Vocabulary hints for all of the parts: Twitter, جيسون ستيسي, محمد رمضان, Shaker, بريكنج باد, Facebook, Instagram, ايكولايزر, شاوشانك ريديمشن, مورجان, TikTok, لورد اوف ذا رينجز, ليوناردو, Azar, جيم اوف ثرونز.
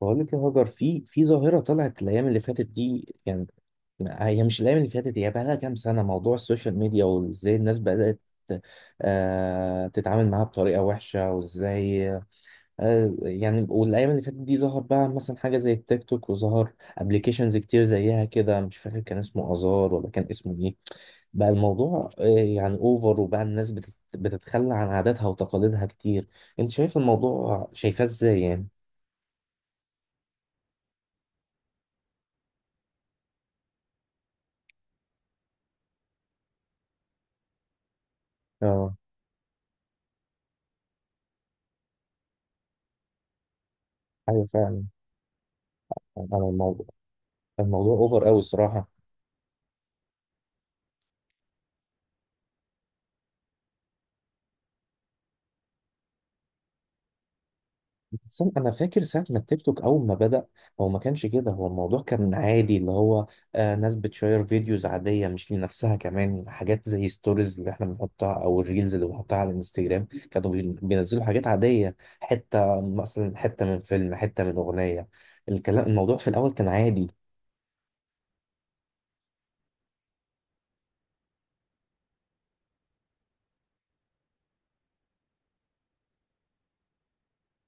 بقول لك يا هاجر، في ظاهرة طلعت الأيام اللي فاتت دي، يعني هي مش الأيام اللي فاتت، هي بقى لها كام سنة موضوع السوشيال ميديا، وإزاي الناس بدأت تتعامل معاها بطريقة وحشة، وإزاي يعني. والأيام اللي فاتت دي ظهر بقى مثلا حاجة زي التيك توك، وظهر أبليكيشنز كتير زيها كده، مش فاكر كان اسمه آزار ولا كان اسمه إيه. بقى الموضوع يعني اوفر، وبقى الناس بتتخلى عن عاداتها وتقاليدها كتير. انت شايف الموضوع، شايفاه ازاي يعني؟ اه، ايوه فعلا. انا الموضوع الموضوع اوفر قوي الصراحه. بس انا فاكر ساعه ما التيك توك اول ما بدا هو ما كانش كده، هو الموضوع كان عادي، اللي هو ناس بتشير فيديوز عاديه مش لنفسها، كمان حاجات زي ستوريز اللي احنا بنحطها او الريلز اللي بنحطها على الانستجرام، كانوا بينزلوا حاجات عاديه، حته مثلا حته من فيلم، حته من اغنيه. الكلام الموضوع في الاول كان عادي.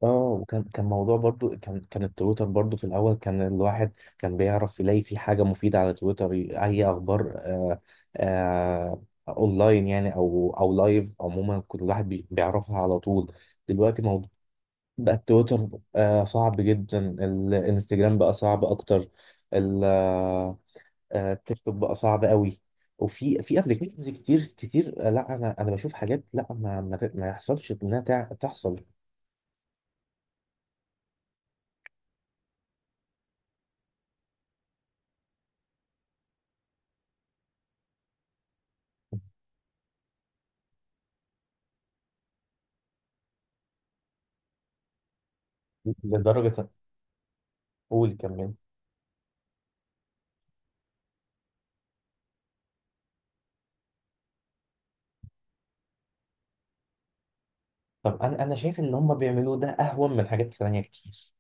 اه، وكان كان التويتر برضو في الاول كان الواحد كان بيعرف يلاقي في حاجه مفيده على تويتر، اي اخبار آه اونلاين يعني، او لايف، عموما كل الواحد بيعرفها على طول. دلوقتي موضوع بقى التويتر صعب جدا، الانستجرام بقى صعب اكتر، ال- آه، التيك توك بقى صعب قوي. وفي ابلكيشنز كتير، لا، انا بشوف حاجات لا، ما يحصلش انها تحصل. لدرجة. قول، كمل. طب انا شايف اللي هم بيعملوه ده اهون من حاجات تانية كتير.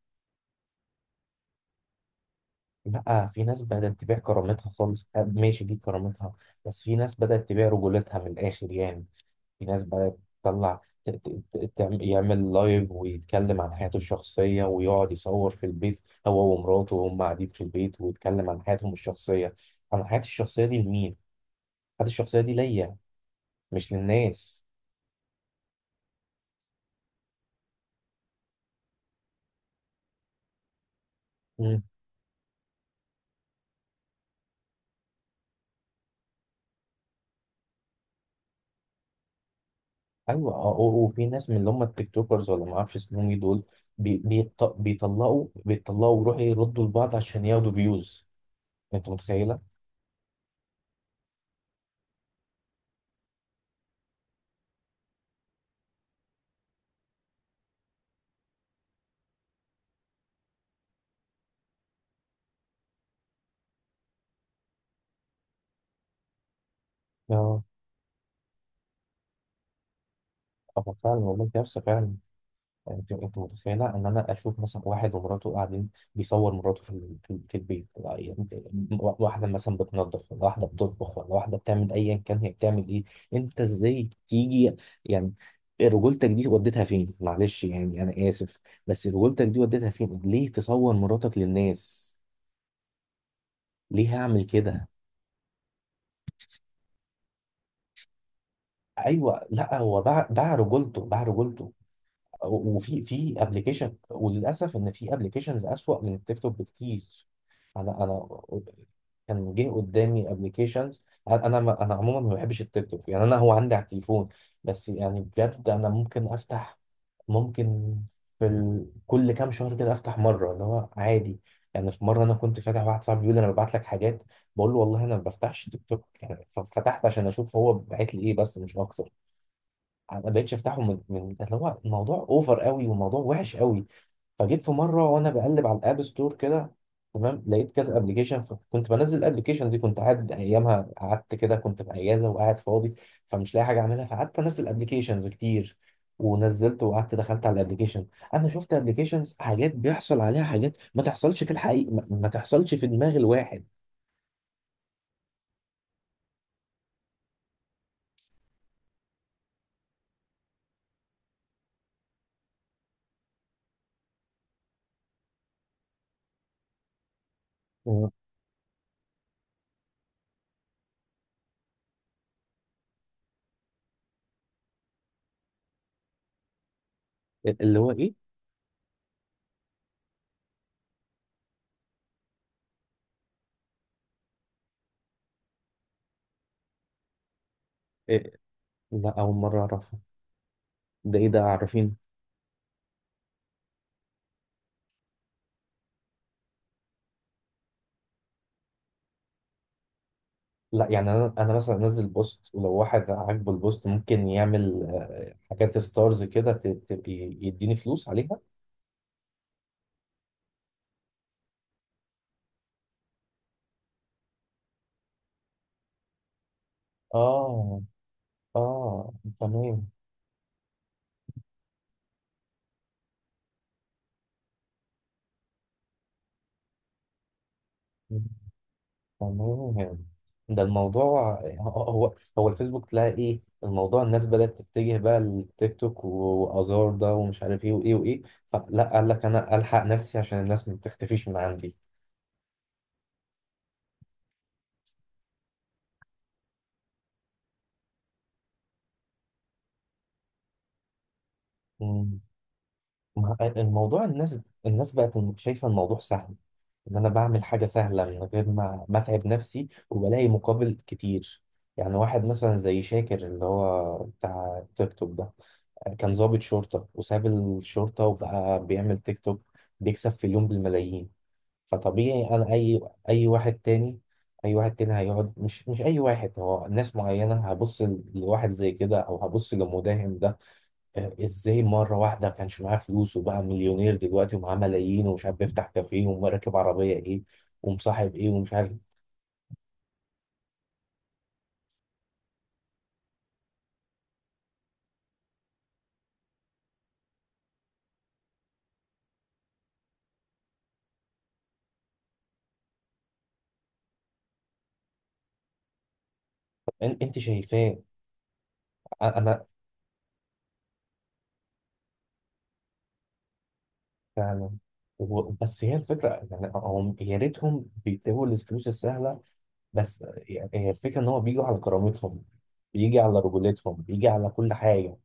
لا، في ناس بدأت تبيع كرامتها خالص، ماشي دي كرامتها، بس في ناس بدأت تبيع رجولتها من الآخر يعني. في ناس بدأت تطلع يعمل لايف، ويتكلم عن حياته الشخصية، ويقعد يصور في البيت هو ومراته، وهم قاعدين في البيت ويتكلم عن حياتهم الشخصية. عن حياتي الشخصية دي لمين؟ حياتي الشخصية دي ليا، مش للناس. ايوه، اه، وفي ناس من اللي هم التيك توكرز ولا ما اعرفش اسمهم ايه دول، بيطلقوا، بيطلقوا ويروحوا يردوا لبعض عشان ياخدوا فيوز. انت متخيله؟ اه. اه فعلا والله، كارثه فعلا. انت متخيله ان انا اشوف مثلا واحد ومراته قاعدين، بيصور مراته في في البيت، يعني واحده مثلا بتنظف، ولا واحده بتطبخ، ولا واحده بتعمل ايا كان هي بتعمل ايه. انت ازاي تيجي يعني؟ رجولتك دي وديتها فين؟ معلش يعني انا اسف، بس رجولتك دي وديتها فين؟ ليه تصور مراتك للناس؟ ليه هعمل كده؟ ايوه، لا هو باع، باع باع رجولته. وفي ابلكيشن، وللاسف ان في ابلكيشنز اسوأ من التيك توك بكتير. انا كان جه قدامي ابلكيشنز، انا عموما ما بحبش التيك توك يعني، انا هو عندي على التليفون، بس يعني بجد انا ممكن افتح، ممكن في كل كام شهر كده افتح مره، اللي هو عادي يعني. في مره انا كنت فاتح، واحد صاحبي بيقول لي انا ببعت لك حاجات، بقول له والله انا ما بفتحش تيك توك يعني، فتحت عشان اشوف هو بعت لي ايه بس، مش اكتر. ما بقتش افتحه، من اللي هو الموضوع اوفر قوي والموضوع وحش قوي. فجيت في مره وانا بقلب على الاب ستور كده تمام، لقيت كذا ابلكيشن، فكنت بنزل الابلكيشن دي، كنت قاعد ايامها قعدت كده، كنت في اجازه وقاعد فاضي، فمش لاقي حاجه اعملها، فقعدت انزل ابلكيشنز كتير. ونزلت وقعدت دخلت على الابلكيشن، انا شفت ابلكيشنز حاجات بيحصل عليها حاجات ما تحصلش في الحقيقه، ما تحصلش في دماغ الواحد. اللي هو ايه؟ إيه، لا اول مره اعرفها. ده ايه ده، عارفين؟ لا يعني انا مثلا انزل بوست، ولو واحد عاجبه البوست ممكن يعمل، حاجات ستارز كده، تبقى يديني فلوس عليها. اه. اه. تمام. تمام. ده الموضوع هو، هو الفيسبوك تلاقي ايه الموضوع، الناس بدأت تتجه بقى للتيك توك وازار ده ومش عارف ايه وايه وايه. فلا قال لك انا الحق نفسي عشان الناس ما تختفيش من عندي. الموضوع الناس، الناس بقت شايفة الموضوع سهل، ان انا بعمل حاجة سهلة من غير ما اتعب نفسي، وبلاقي مقابل كتير. يعني واحد مثلا زي شاكر اللي هو بتاع تيك توك ده، كان ضابط شرطة وساب الشرطة، وبقى بيعمل تيك توك، بيكسب في اليوم بالملايين. فطبيعي انا اي، اي واحد تاني، اي واحد تاني هيقعد، مش اي واحد، هو ناس معينة هبص لواحد زي كده، او هبص لمداهم ده، ازاي مره واحده كانش معاه فلوس وبقى مليونير دلوقتي ومعاه ملايين، ومش عارف بيفتح كافيه، وراكب عربيه ايه، ومصاحب ايه، ومش عارف. انت شايفاه. انا فعلا. بس هي الفكره يعني، هم يا ريتهم بيتبعوا الفلوس السهله، بس يعني هي الفكره ان هو بيجوا على كرامتهم، بيجي على رجولتهم، بيجي على كل حاجه.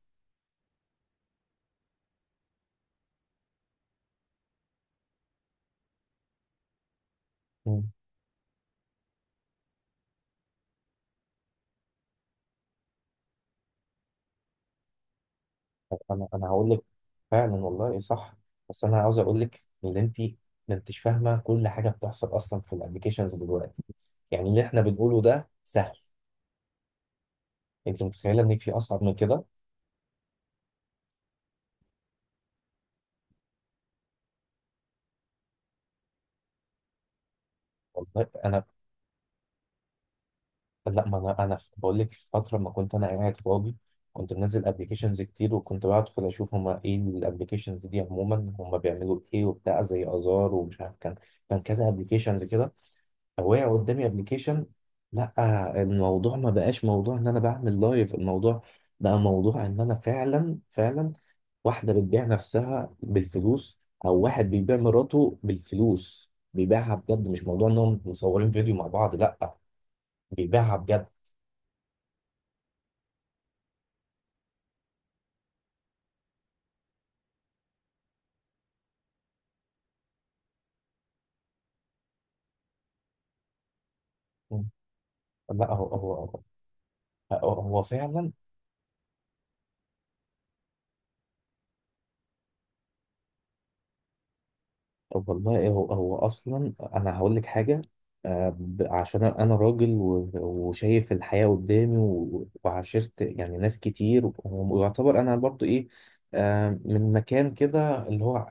انا هقول لك. فعلا والله صح. بس انا عاوز اقول لك ان انت ما انتش فاهمه كل حاجه بتحصل اصلا في الابلكيشنز دلوقتي، يعني اللي احنا بنقوله ده سهل، انت متخيله ان في اصعب من كده؟ والله انا، لا ما انا، بقول لك في فتره ما كنت انا قاعد فاضي، كنت منزل ابلكيشنز كتير، وكنت بدخل اشوف هما ايه الابلكيشنز دي عموما، هما بيعملوا ايه وبتاع، زي ازار ومش عارف كان، كان كذا ابلكيشنز كده، أو وقع قدامي ابلكيشن. لا الموضوع ما بقاش موضوع ان انا بعمل لايف، الموضوع بقى موضوع ان انا فعلا واحدة بتبيع نفسها بالفلوس، او واحد بيبيع مراته بالفلوس، بيبيعها بجد، مش موضوع انهم مصورين فيديو مع بعض، لا بيبيعها بجد. لا هو فعلا. طب والله هو اصلا انا هقول لك حاجه، عشان انا راجل، وشايف الحياه قدامي، وعاشرت يعني ناس كتير، ويعتبر انا برضو ايه، من مكان كده اللي هو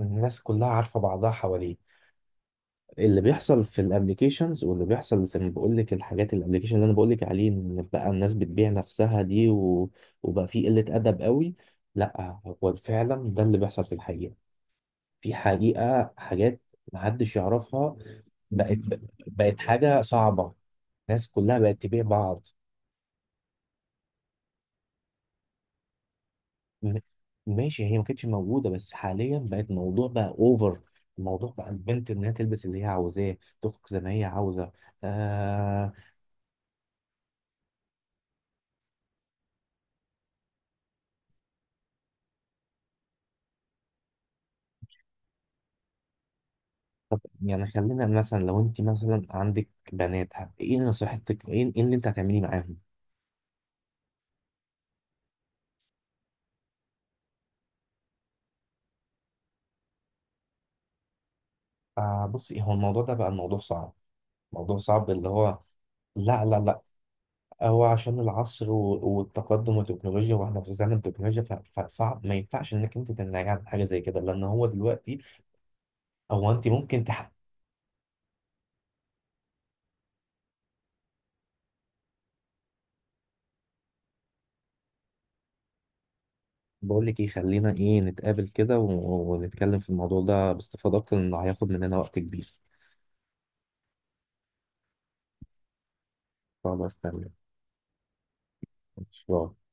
الناس كلها عارفه بعضها حواليه. اللي بيحصل في الابليكيشنز، واللي بيحصل زي ما بقول لك الحاجات، الابليكيشن اللي انا بقول لك عليه، ان بقى الناس بتبيع نفسها دي، وبقى في قله ادب قوي. لا هو فعلا ده اللي بيحصل في الحقيقه، في حقيقة حاجات محدش يعرفها، بقت، بقت حاجة صعبة، الناس كلها بقت تبيع بعض. م- ماشي، هي ما كانتش موجودة، بس حاليا بقت موضوع بقى اوفر. الموضوع بقى البنت انها تلبس اللي هي عاوزاه، تخرج زي ما هي عاوزة. آه. طب يعني خلينا، مثلا لو انت مثلا عندك بنات، ايه نصيحتك؟ ايه إيه اللي انت هتعمليه معاهم؟ آه بصي، هو الموضوع ده بقى الموضوع صعب، موضوع صعب اللي هو. لا، هو عشان العصر، والتقدم والتكنولوجيا، واحنا في زمن تكنولوجيا، فصعب، ما ينفعش انك انت تمنعي عن حاجه زي كده، لان هو دلوقتي، هو انت ممكن بقول لك ايه، خلينا ايه نتقابل كده، ونتكلم في الموضوع ده باستفاضه اكتر، لانه هياخد مننا وقت كبير. خلاص تمام. ان شاء الله.